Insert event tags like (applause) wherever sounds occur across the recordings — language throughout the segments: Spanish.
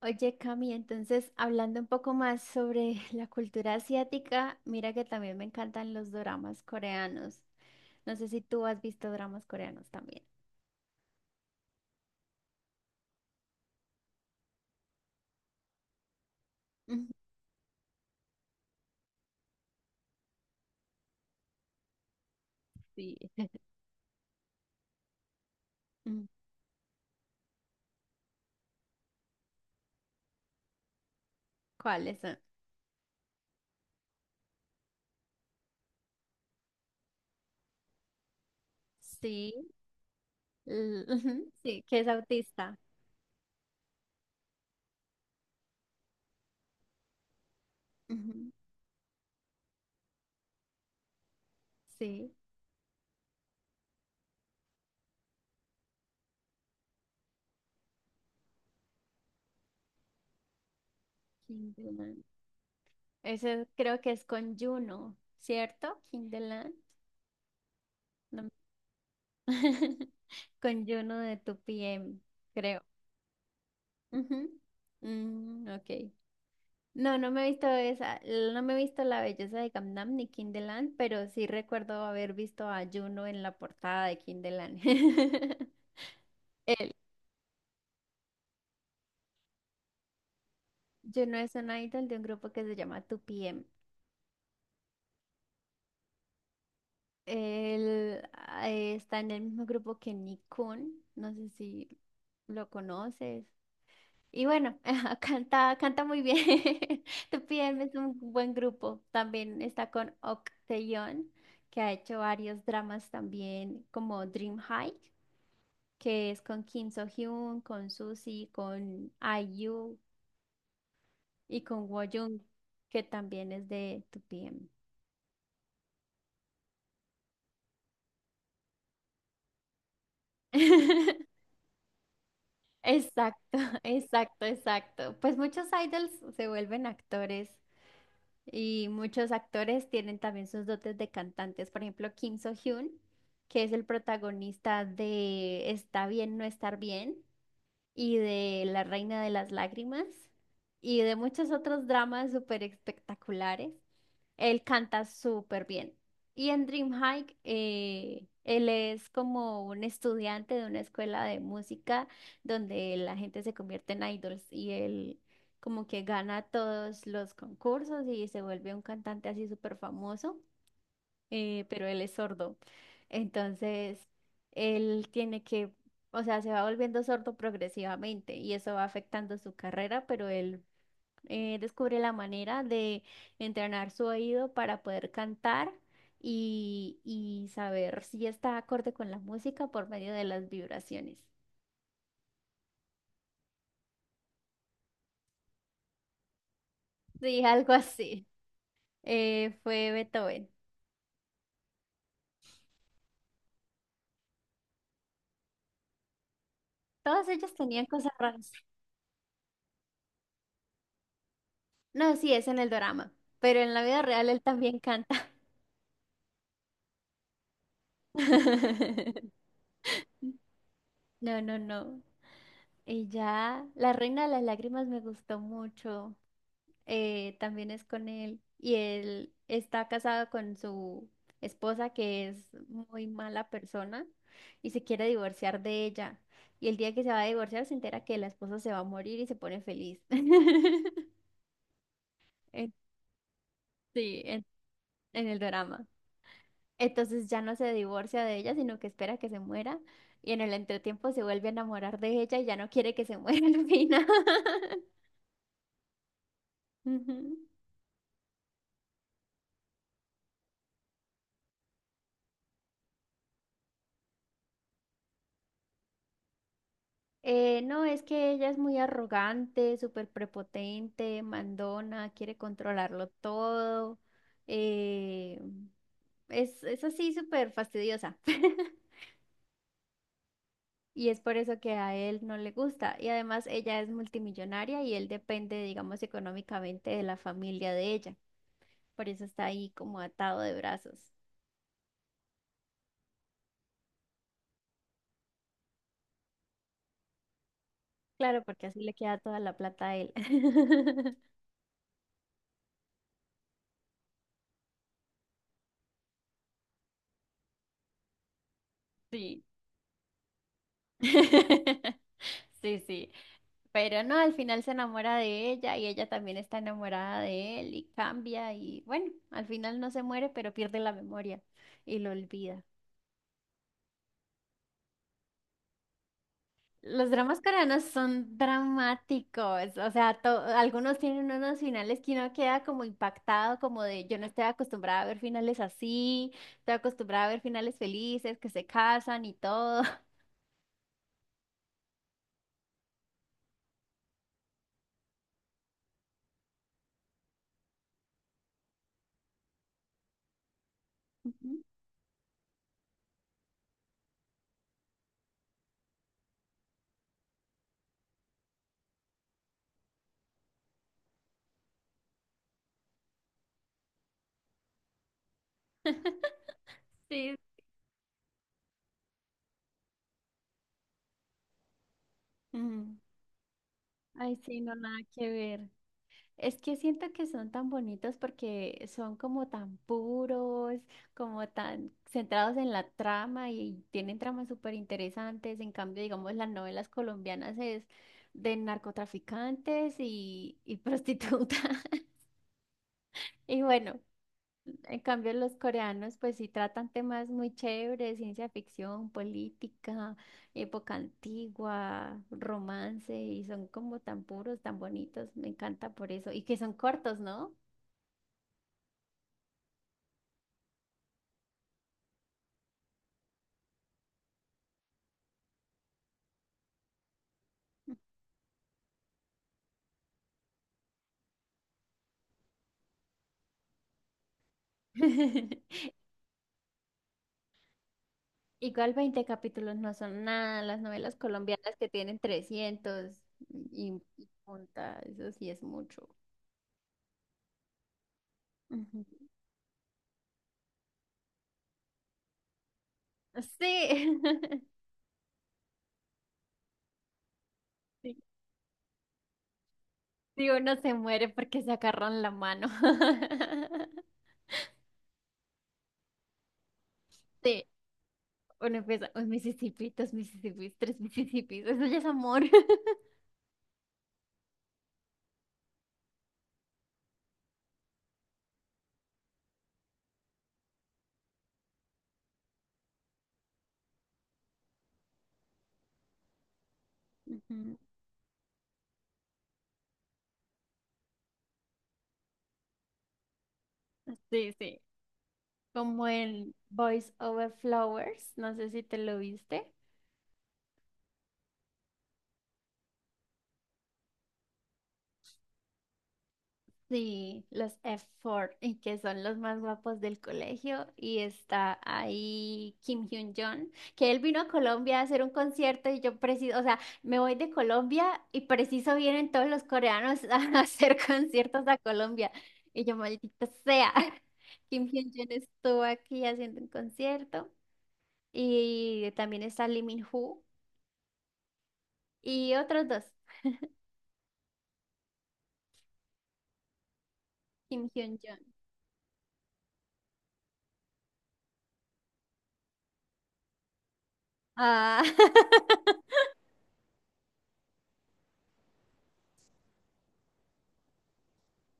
Oye, Cami, entonces hablando un poco más sobre (laughs) la cultura asiática, mira que también me encantan los doramas coreanos. No sé si tú has visto dramas coreanos también. Ujú. Sí. (laughs) Mm, ¿cuáles son? Sí, ujú, sí, que es autista. Ujú. Sí, Kim de Lan. Ese creo que es con Juno, ¿cierto? Kim de Lan. No. (laughs) Con Juno de 2PM, creo. Ujú. Mm, ok. No, no me he visto esa, no me he visto La Belleza de Gangnam ni Kinderland, pero sí recuerdo haber visto a Juno en la portada de Kinderland. (laughs) Juno es un idol de un grupo que se llama 2PM. Él está en el mismo grupo que Nikon, no sé si lo conoces. Y bueno, (laughs) canta muy bien. (laughs) 2PM es un buen grupo. También está con Ok Taeyeon, que ha hecho varios dramas también, como Dream High, que es con Kim So-hyun, con Suzy, con IU y con Woyung, que también es de 2PM. (laughs) Exacto, (laughs) exacto, exacto. Pues muchos idols se vuelven actores y muchos actores tienen también sus dotes de cantantes. Por ejemplo, Kim So-hyun, que es el protagonista de Está bien, no estar bien, y de La Reina de las Lágrimas y de muchos otros dramas súper espectaculares. Él canta súper bien. Y en Dreamhike, él es como un estudiante de una escuela de música donde la gente se convierte en idols y él como que gana todos los concursos y se vuelve un cantante así súper famoso, pero él es sordo. Entonces, él tiene que, o sea, se va volviendo sordo progresivamente y eso va afectando su carrera, pero él descubre la manera de entrenar su oído para poder cantar y saber si está acorde con la música por medio de las vibraciones. Sí, (laughs) algo así. Fue Beethoven. Todos ellos tenían cosas raras. No, sí, es en el drama, pero en la vida real él también canta. (laughs) No, no, no. Y ya, La Reina de las Lágrimas me gustó mucho. También es con él. Y él está casado con su esposa, que es muy mala persona, y se quiere divorciar de ella. Y el día que se va a divorciar, se entera que la esposa se va a morir y se pone feliz. (laughs) En- Sí, en el drama. Entonces ya no se divorcia de ella, sino que espera que se muera. Y en el entretiempo se vuelve a enamorar de ella y ya no quiere que se (laughs) muera al final. Ujú. No, es que ella es muy arrogante, súper prepotente, mandona, quiere controlarlo todo. eh, es así súper fastidiosa. (laughs) Y es por eso que a él no le gusta. Y además ella es multimillonaria y él depende, digamos, económicamente de la familia de ella. Por eso está ahí como atado de brazos. Claro, porque así le queda toda la plata a él. (laughs) Sí. (laughs) Sí, sí. Pero no, al final se enamora de ella y ella también está enamorada de él y cambia y bueno, al final no se muere, pero pierde la memoria y lo olvida. Los dramas coreanos son dramáticos, o sea, algunos tienen unos finales que uno queda como impactado, como de yo no estoy acostumbrada a ver finales así, estoy acostumbrada a ver finales felices, que se casan y todo. (laughs) Ujú. (laughs) Sí. Mm. Ay, sí, no, nada que ver. Es que siento que son tan bonitos porque son como tan puros, como tan centrados en la trama y tienen tramas súper interesantes. En cambio, digamos, las novelas colombianas es de narcotraficantes y prostitutas. (laughs) Y bueno, en cambio los coreanos pues sí tratan temas muy chéveres, ciencia ficción, política, época antigua, romance y son como tan puros, tan bonitos. Me encanta por eso. Y que son cortos, ¿no? (laughs) Igual 20 capítulos no son nada, las novelas colombianas que tienen 300 y punta, eso sí es mucho. Ujú. Sí. (laughs) Sí, sí, uno se muere porque se agarran la mano. (laughs) Sí, uno empieza, un Mississippi, dos Mississippis, tres Mississippis, eso ya es amor. (laughs) Ujú. Sí, sí, como el Voice Over Flowers, no sé si te lo viste. Sí, los F4, y que son los más guapos del colegio. Y está ahí Kim Hyun-jong, que él vino a Colombia a hacer un concierto y yo preciso, o sea, me voy de Colombia y preciso vienen todos los coreanos (laughs) a hacer conciertos a Colombia. Y yo, maldita sea, (laughs) Kim Hyun-jong estuvo aquí haciendo un concierto. Y también está Lee Min-ho y otros dos, Kim Hyun-jong. Ah. (laughs)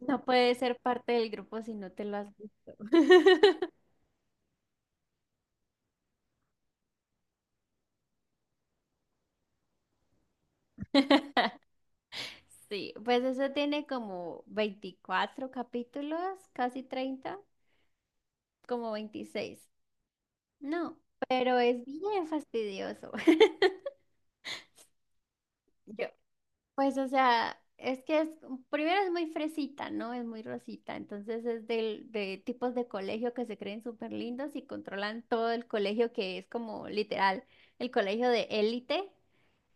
No puedes ser parte del grupo si no te lo has visto. (laughs) Sí, pues eso tiene como 24 capítulos, casi 30, como 26. No, pero es bien fastidioso. (laughs) Yo, pues, o sea, primero es muy fresita, ¿no? Es muy rosita. Entonces es de tipos de colegio que se creen súper lindos y controlan todo el colegio, que es como literal, el colegio de élite,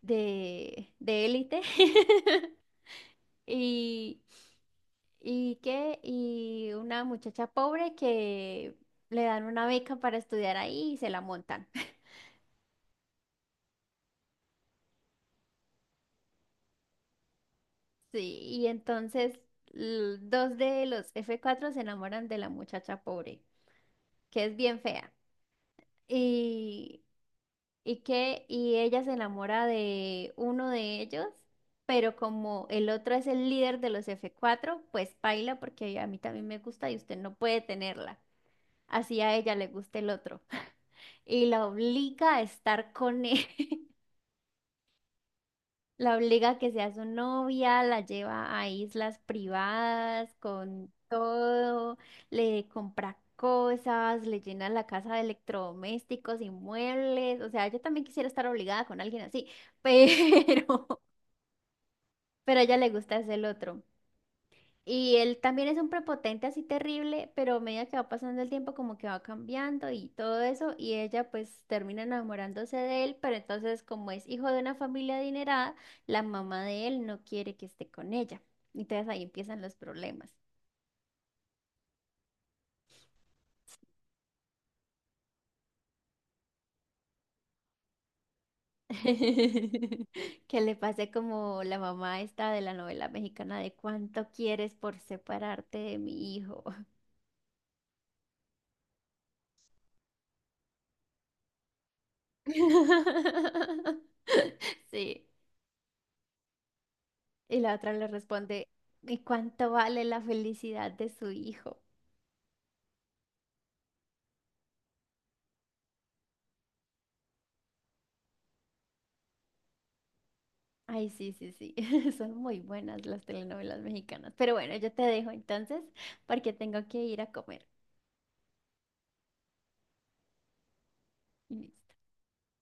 de élite. (laughs) Y, y una muchacha pobre que le dan una beca para estudiar ahí y se la montan. (laughs) Sí, y entonces dos de los F4 se enamoran de la muchacha pobre, que es bien fea. Y, y ella se enamora de uno de ellos, pero como el otro es el líder de los F4, pues baila porque a mí también me gusta y usted no puede tenerla. Así a ella le gusta el otro, y la obliga a estar con él. (laughs) La obliga a que sea su novia, la lleva a islas privadas con todo, le compra cosas, le llena la casa de electrodomésticos y muebles. O sea, yo también quisiera estar obligada con alguien así, pero, (laughs) pero a ella le gusta es el otro. Y él también es un prepotente así terrible, pero a medida que va pasando el tiempo como que va cambiando y todo eso, y ella pues termina enamorándose de él, pero entonces como es hijo de una familia adinerada, la mamá de él no quiere que esté con ella. Entonces ahí empiezan los problemas. (laughs) Que le pase como la mamá esta de la novela mexicana de ¿cuánto quieres por separarte de mi hijo? (laughs) Sí. Y la otra le responde, ¿y cuánto vale la felicidad de su hijo? Ay, sí, sí, sí, (laughs) son muy buenas las telenovelas mexicanas. Pero bueno, yo te dejo entonces porque tengo que ir a comer.